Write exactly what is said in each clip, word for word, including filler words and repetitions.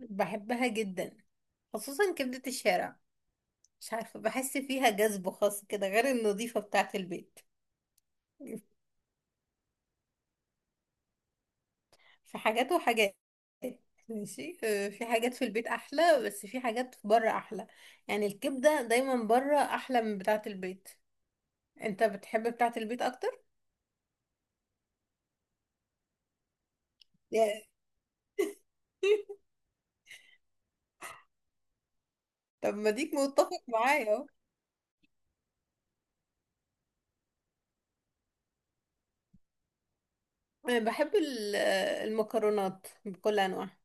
بحبها جدا، خصوصا كبدة الشارع. مش عارفة، بحس فيها جذب خاص كده غير النظيفة بتاعة البيت. في حاجات وحاجات. ماشي، آه، في حاجات في البيت أحلى بس في حاجات بره أحلى. يعني الكبدة دايما بره أحلى من بتاعة البيت. انت بتحب بتاعة البيت أكتر؟ يا. طب ما ديك متفق معايا اهو. أنا بحب ال- آه، المكرونات بكل أنواعها.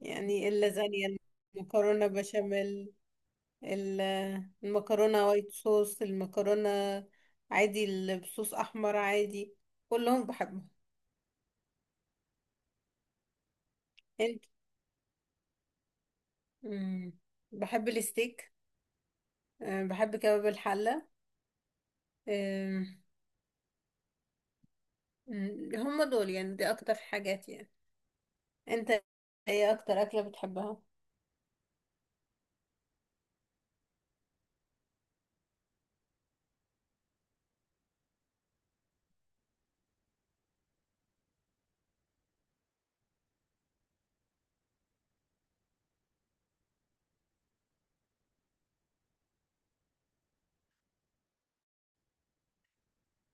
يعني اللازانيا، المكرونة بشاميل، ال- المكرونة وايت صوص. المكرونة عادي اللي بصوص أحمر عادي، كلهم بحبهم. انت. مم. بحب الستيك. أه، بحب كباب الحلة. أم، مم، هم دول يعني، دي أكتر حاجات يعني. انت، ايه أكتر أكلة بتحبها؟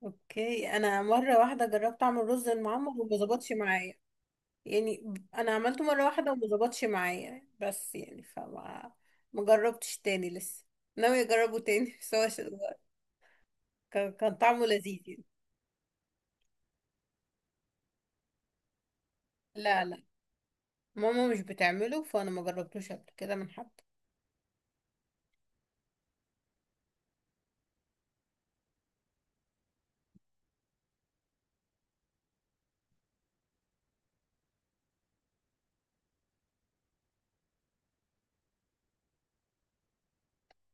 اوكي، أنا مرة واحدة جربت أعمل رز المعمر وما ظبطش معايا. يعني أنا عملته مرة واحدة وما ظبطش معايا، بس يعني فما، ما جربتش تاني لسه. ناوية أجربه تاني، بس هو كان كان طعمه لذيذ يعني. لا لا، ماما مش بتعمله فانا ما جربتوش قبل كده من حد.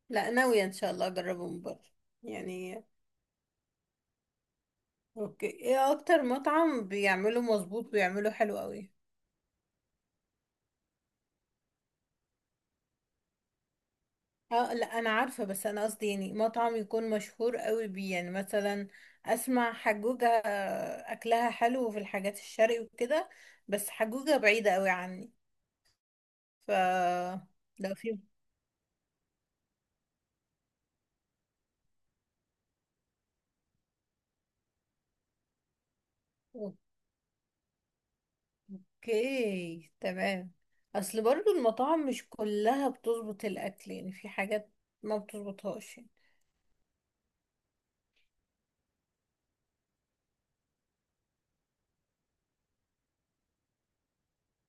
لا، ناوية ان شاء الله اجربه من بره. يعني اوكي، ايه اكتر مطعم بيعمله مظبوط ويعمله حلو قوي؟ اه لا، انا عارفة، بس انا قصدي يعني مطعم يكون مشهور قوي بيه، يعني مثلا اسمع حجوجة، آه، اكلها حلو في الحاجات الشرقي وكده، بس حجوجة بعيدة قوي عني. ف، لو في. اوكي تمام. اصل برضو المطاعم مش كلها بتظبط الاكل، يعني في حاجات ما بتظبطهاش يعني.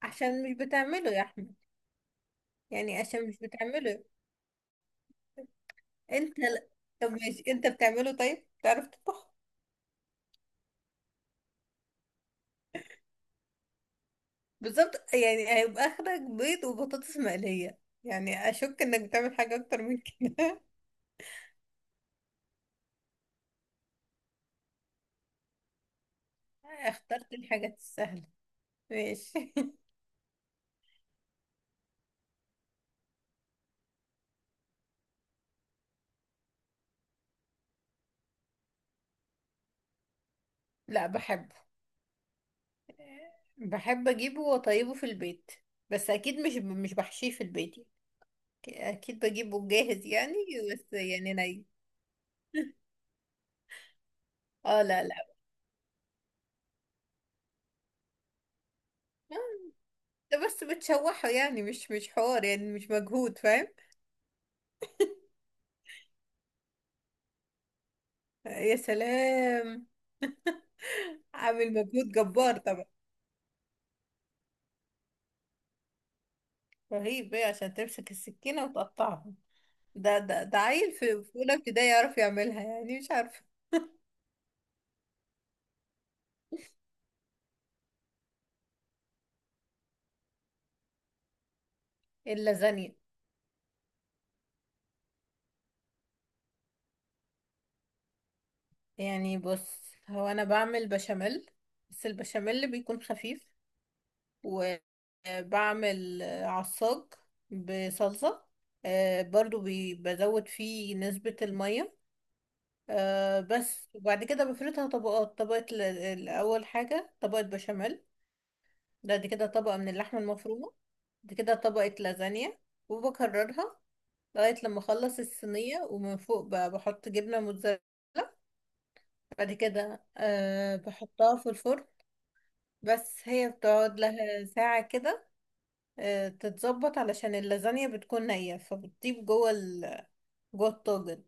عشان مش بتعمله يا احمد. يعني عشان مش بتعمله. انت لا. طب ماشي، انت بتعمله؟ طيب بتعرف تطبخ؟ بالظبط، يعني هيبقى اخرك بيض وبطاطس مقلية. يعني اشك انك بتعمل حاجة اكتر من كده. اخترت الحاجات السهلة. ماشي. لا بحبه، بحب اجيبه واطيبه في البيت، بس اكيد مش مش بحشيه في البيت يعني. اكيد بجيبه جاهز يعني. بس يعني ني. اه لا لا، ده بس بتشوحه، يعني مش مش حوار، يعني مش مجهود، فاهم؟ يا سلام، عامل مجهود جبار طبعا. رهيب ايه؟ عشان تمسك السكينة وتقطعها؟ ده ده ده عيل في في اولى ابتدائي يعرف يعملها، يعني مش عارفة. اللازانيا. يعني بص، هو انا بعمل بشاميل، بس البشاميل بيكون خفيف. وبعمل عصاج بصلصة. آه، برضو بي- بزود فيه نسبة المية. آه، بس وبعد كده بفردها طبقات. طبقة ال- الأول حاجة طبقة بشاميل، ده دي كده طبقة من اللحمة المفرومة، دي كده طبقة لازانيا، وبكررها لغاية لما أخلص الصينية، ومن فوق ب- بحط جبنة موتزاريلا. بعد كده أه بحطها في الفرن. بس هي بتقعد لها ساعة كده آه، تتظبط علشان اللازانيا بتكون نية، فبتطيب جوه ال... جوه الطاجن.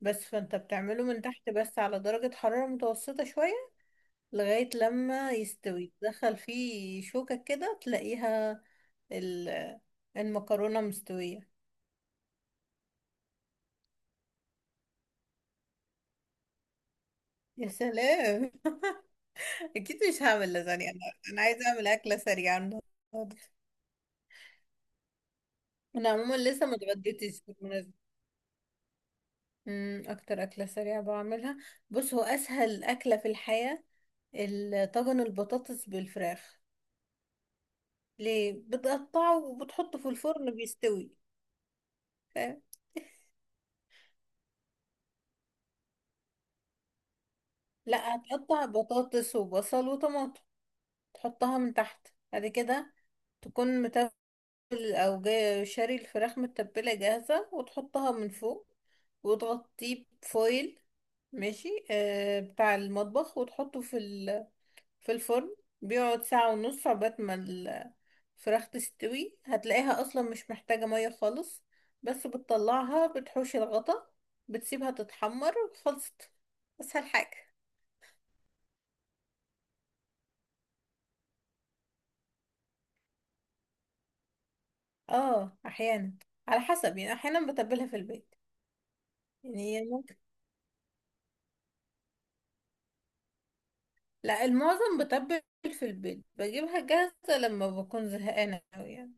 بس فانت بتعمله من تحت بس، على درجة حرارة متوسطة شوية، لغاية لما يستوي تدخل فيه شوكة كده تلاقيها ال... المكرونة مستوية. يا سلام. اكيد مش هعمل لازانيا انا، انا عايزة اعمل اكلة سريعة النهاردة. انا عموما لسه ما اتغديتش بالمناسبة. امم اكتر اكله سريعه بعملها، بص هو اسهل اكله في الحياه، ال- طاجن البطاطس بالفراخ. ليه؟ بتقطعه وبتحطه في الفرن بيستوي. فاهم؟ لا، هتقطع بطاطس وبصل وطماطم، تحطها من تحت. بعد كده تكون متبل، او جاي شاري الفراخ متبله جاهزه، وتحطها من فوق، وتغطيه بفويل ماشي، آه بتاع المطبخ، وتحطه في في الفرن. بيقعد ساعة ونص عقبال ما الفراخ تستوي. هتلاقيها أصلا مش محتاجة مية خالص، بس بتطلعها بتحوش الغطا، بتسيبها تتحمر، خلصت، أسهل حاجة. اه أحيانا، على حسب يعني، أحيانا بتبلها في البيت. يعني هي ممكن، لا المعظم بتبل في البيت، بجيبها جاهزة لما بكون زهقانة أوي يعني.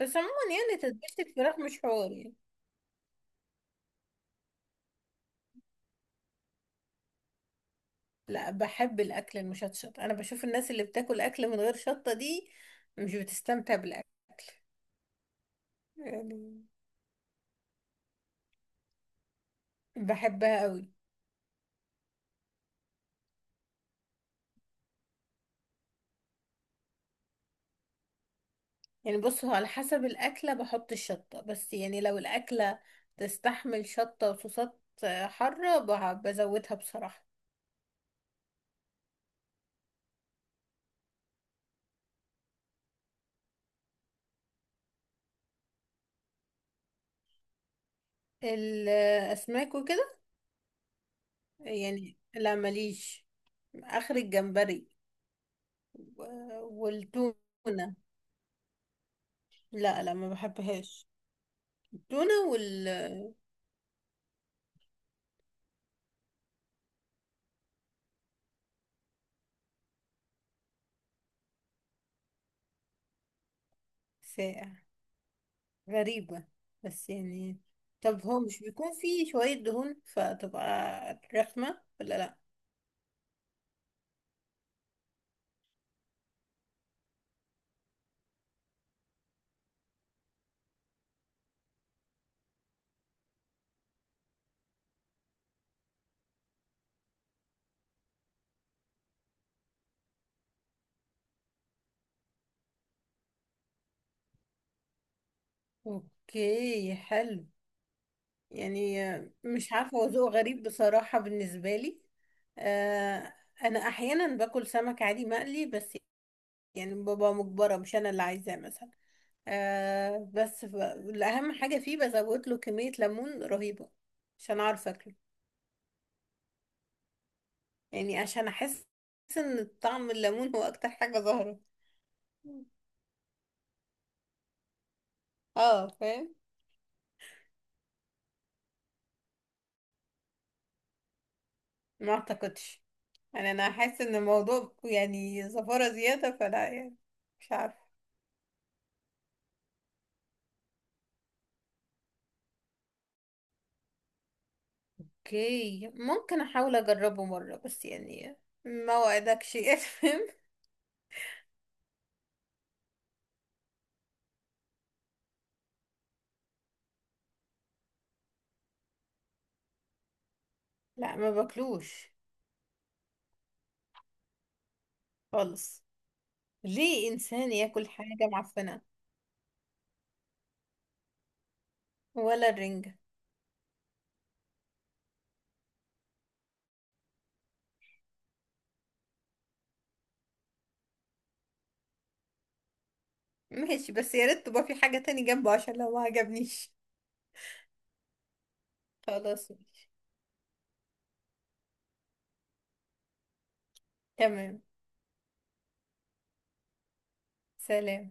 بس عموما يعني تتبيلة الفراخ مش حوار يعني. لا، بحب الاكل المشطشط. انا بشوف الناس اللي بتاكل اكل من غير شطة دي مش بتستمتع بالاكل. يعني بحبها قوي. يعني بص، هو على حسب الاكلة بحط الشطة، بس يعني لو الاكلة تستحمل شطة وصوصات حارة، بع- بزودها بصراحة. الاسماك وكده، يعني لا، ماليش. اخر الجمبري. و- والتونة، لا لا ما بحبهاش التونة والساقع. غريبة، بس يعني طب هو مش بيكون فيه شوية دهون فتبقى رخمة ولا لأ؟ اوكي حلو. يعني مش عارفة، هو ذوق غريب بصراحة بالنسبة لي. آه، أنا أحيانا باكل سمك عادي مقلي، بس يعني ببقى مجبرة، مش أنا اللي عايزاه مثلا. آه، بس ف- الأهم حاجة فيه بزود له كمية ليمون رهيبة عشان أعرف أكله. يعني عشان أحس إن طعم الليمون هو أكتر حاجة ظاهرة. اه فاهم. ما اعتقدش، يعني انا حاسه ان الموضوع يعني زفاره زياده، فلا يعني. مش عارفه، اوكي ممكن احاول اجربه مره، بس يعني ما وعدكش. افهم. لا، ما باكلوش خالص. ليه انسان ياكل حاجه معفنه؟ ولا الرنجه. ماشي، بس يا ريت تبقى في حاجه تاني جنبه عشان لو ما عجبنيش. خلاص ماشي. تمام. سلام.